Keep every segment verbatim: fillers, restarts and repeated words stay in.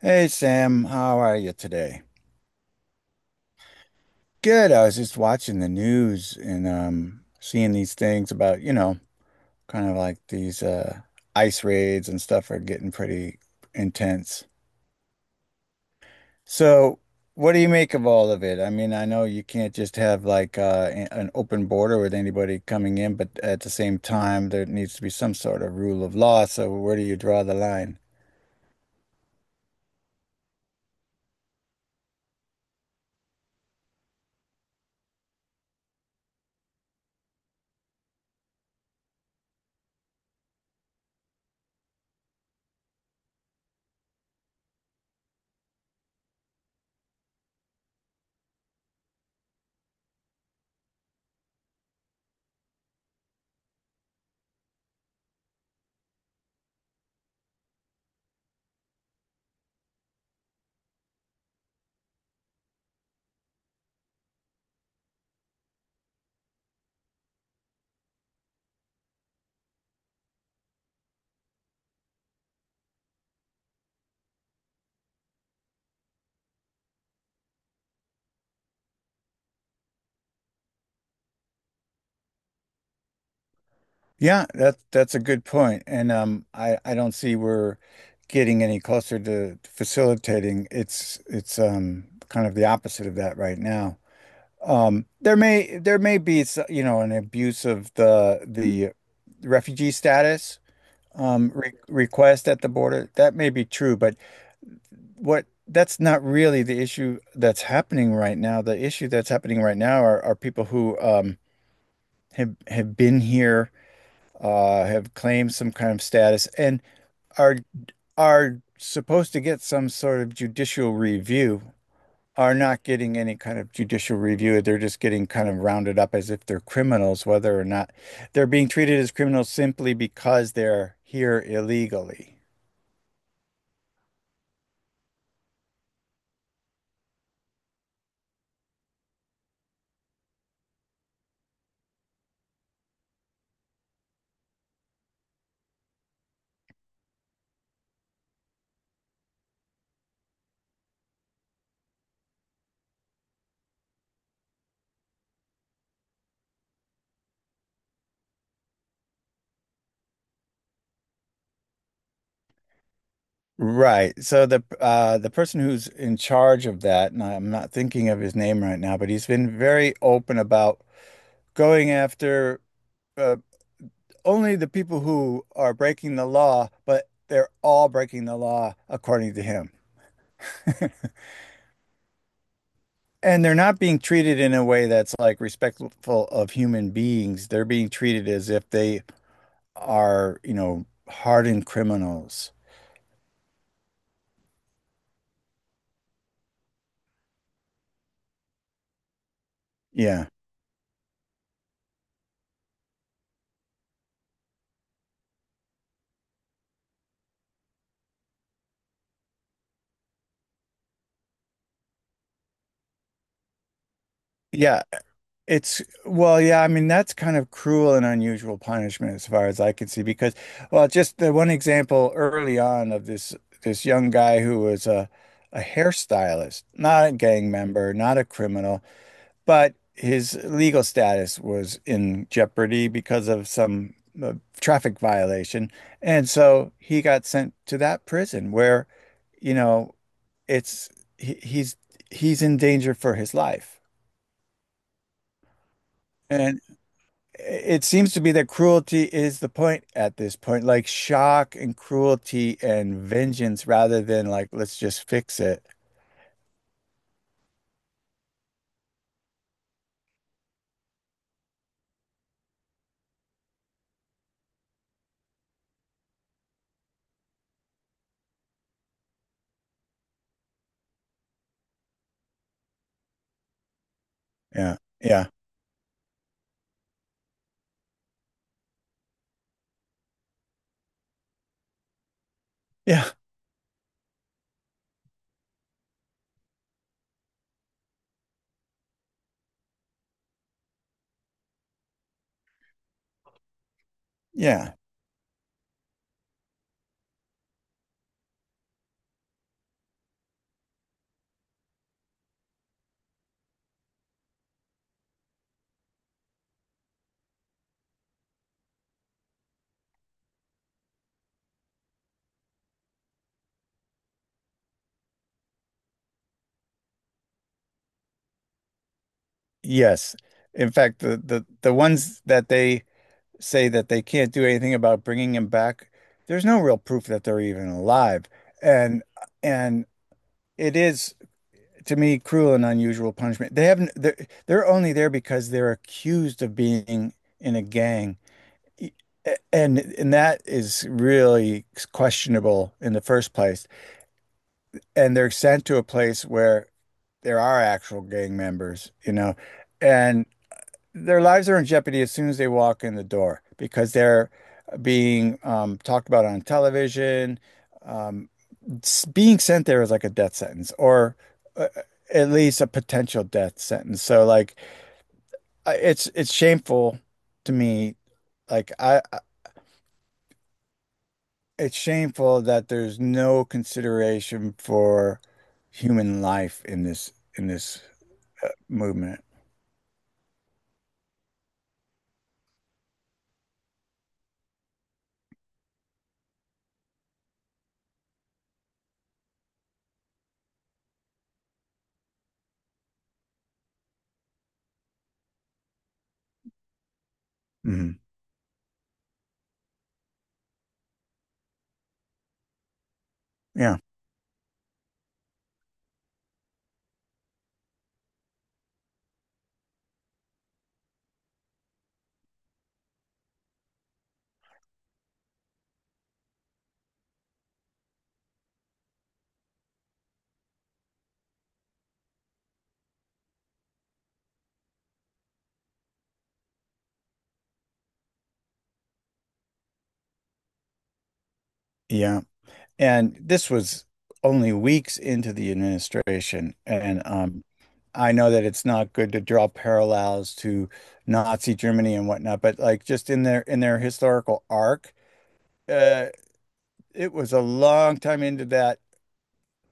Hey Sam, how are you today? Good. I was just watching the news and um seeing these things about, you know, kind of like these uh ICE raids and stuff are getting pretty intense. So, what do you make of all of it? I mean, I know you can't just have like uh a- an open border with anybody coming in, but at the same time there needs to be some sort of rule of law. So, where do you draw the line? Yeah, that that's a good point. And um I I don't see we're getting any closer to facilitating. It's it's um kind of the opposite of that right now. Um there may there may be s- you know an abuse of the the refugee status um re request at the border. That may be true, but what that's not really the issue that's happening right now. The issue that's happening right now are are people who um have have been here uh, have claimed some kind of status and are are supposed to get some sort of judicial review, are not getting any kind of judicial review. They're just getting kind of rounded up as if they're criminals, whether or not they're being treated as criminals simply because they're here illegally. Right. So the uh, the person who's in charge of that, and I'm not thinking of his name right now, but he's been very open about going after uh, only the people who are breaking the law, but they're all breaking the law according to him. And they're not being treated in a way that's like respectful of human beings. They're being treated as if they are, you know, hardened criminals. Yeah, yeah. It's, well, yeah. I mean, That's kind of cruel and unusual punishment as far as I can see, because, well, just the one example early on of this, this young guy who was a, a hairstylist, not a gang member, not a criminal. But his legal status was in jeopardy because of some uh, traffic violation. And so he got sent to that prison where, you know, it's he, he's he's in danger for his life. And it seems to be that cruelty is the point at this point, like shock and cruelty and vengeance rather than like let's just fix it. Yeah, yeah, yeah, yeah. Yes. In fact, the the the ones that they say that they can't do anything about bringing him back, there's no real proof that they're even alive. And and it is to me, cruel and unusual punishment. They haven't, they're, they're only there because they're accused of being in a gang. E- And and that is really questionable in the first place. And they're sent to a place where there are actual gang members, you know, and their lives are in jeopardy as soon as they walk in the door because they're being um, talked about on television. Um, s- being sent there is like a death sentence or uh, at least a potential death sentence. So like I- it's it's shameful to me. Like I I- it's shameful that there's no consideration for human life in this in this uh, movement. Mhm. Yeah. Yeah. And this was only weeks into the administration. And um, I know that it's not good to draw parallels to Nazi Germany and whatnot, but like just in their in their historical arc, uh, it was a long time into that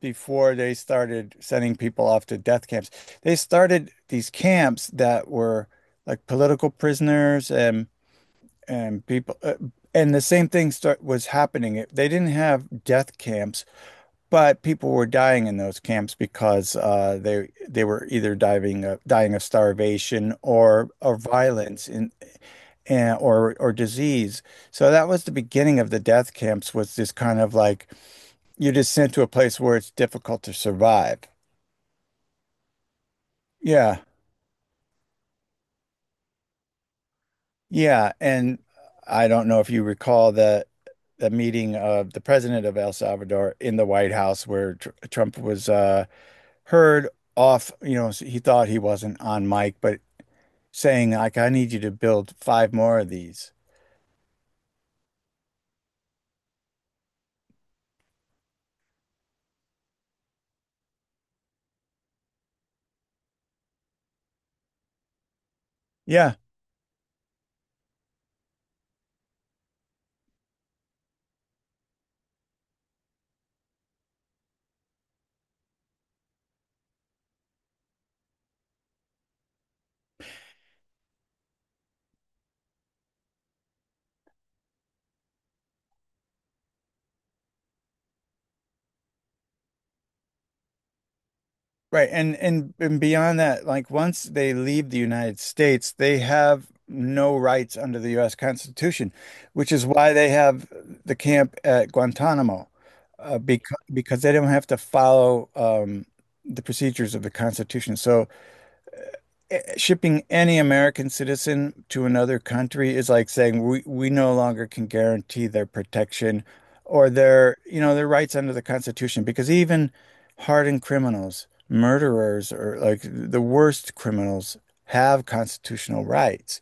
before they started sending people off to death camps. They started these camps that were like political prisoners and and people, uh, and the same thing start was happening. They didn't have death camps but people were dying in those camps because uh, they they were either diving uh, dying of starvation or or violence in and, or or disease. So that was the beginning of the death camps was this kind of like you're just sent to a place where it's difficult to survive. Yeah, yeah, and I don't know if you recall the the meeting of the president of El Salvador in the White House where tr Trump was uh, heard off. You know, he thought he wasn't on mic, but saying like, I need you to build five more of these. Yeah. Right. And and and beyond that, like once they leave the United States, they have no rights under the U S. Constitution, which is why they have the camp at Guantanamo, uh, because because they don't have to follow um, the procedures of the Constitution. So eh, shipping any American citizen to another country is like saying we, we no longer can guarantee their protection or their, you know, their rights under the Constitution because even hardened criminals, murderers, or like the worst criminals have constitutional rights,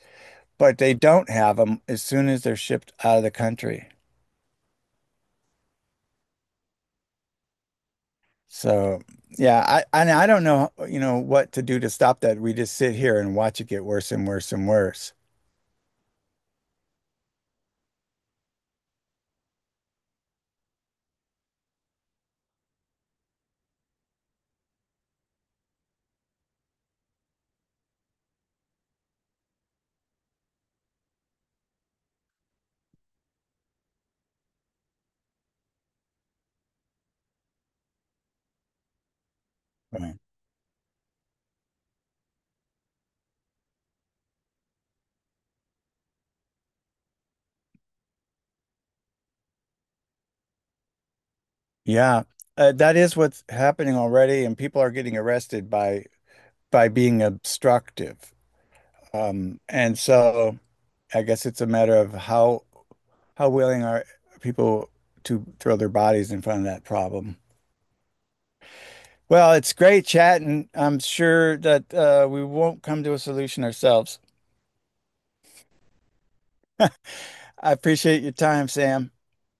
but they don't have them as soon as they're shipped out of the country. So, yeah, I and I don't know, you know, what to do to stop that. We just sit here and watch it get worse and worse and worse. Right. Yeah, uh, that is what's happening already, and people are getting arrested by by being obstructive. Um, and so I guess it's a matter of how how willing are people to throw their bodies in front of that problem. Well, it's great chatting. I'm sure that uh, we won't come to a solution ourselves. I appreciate your time, Sam.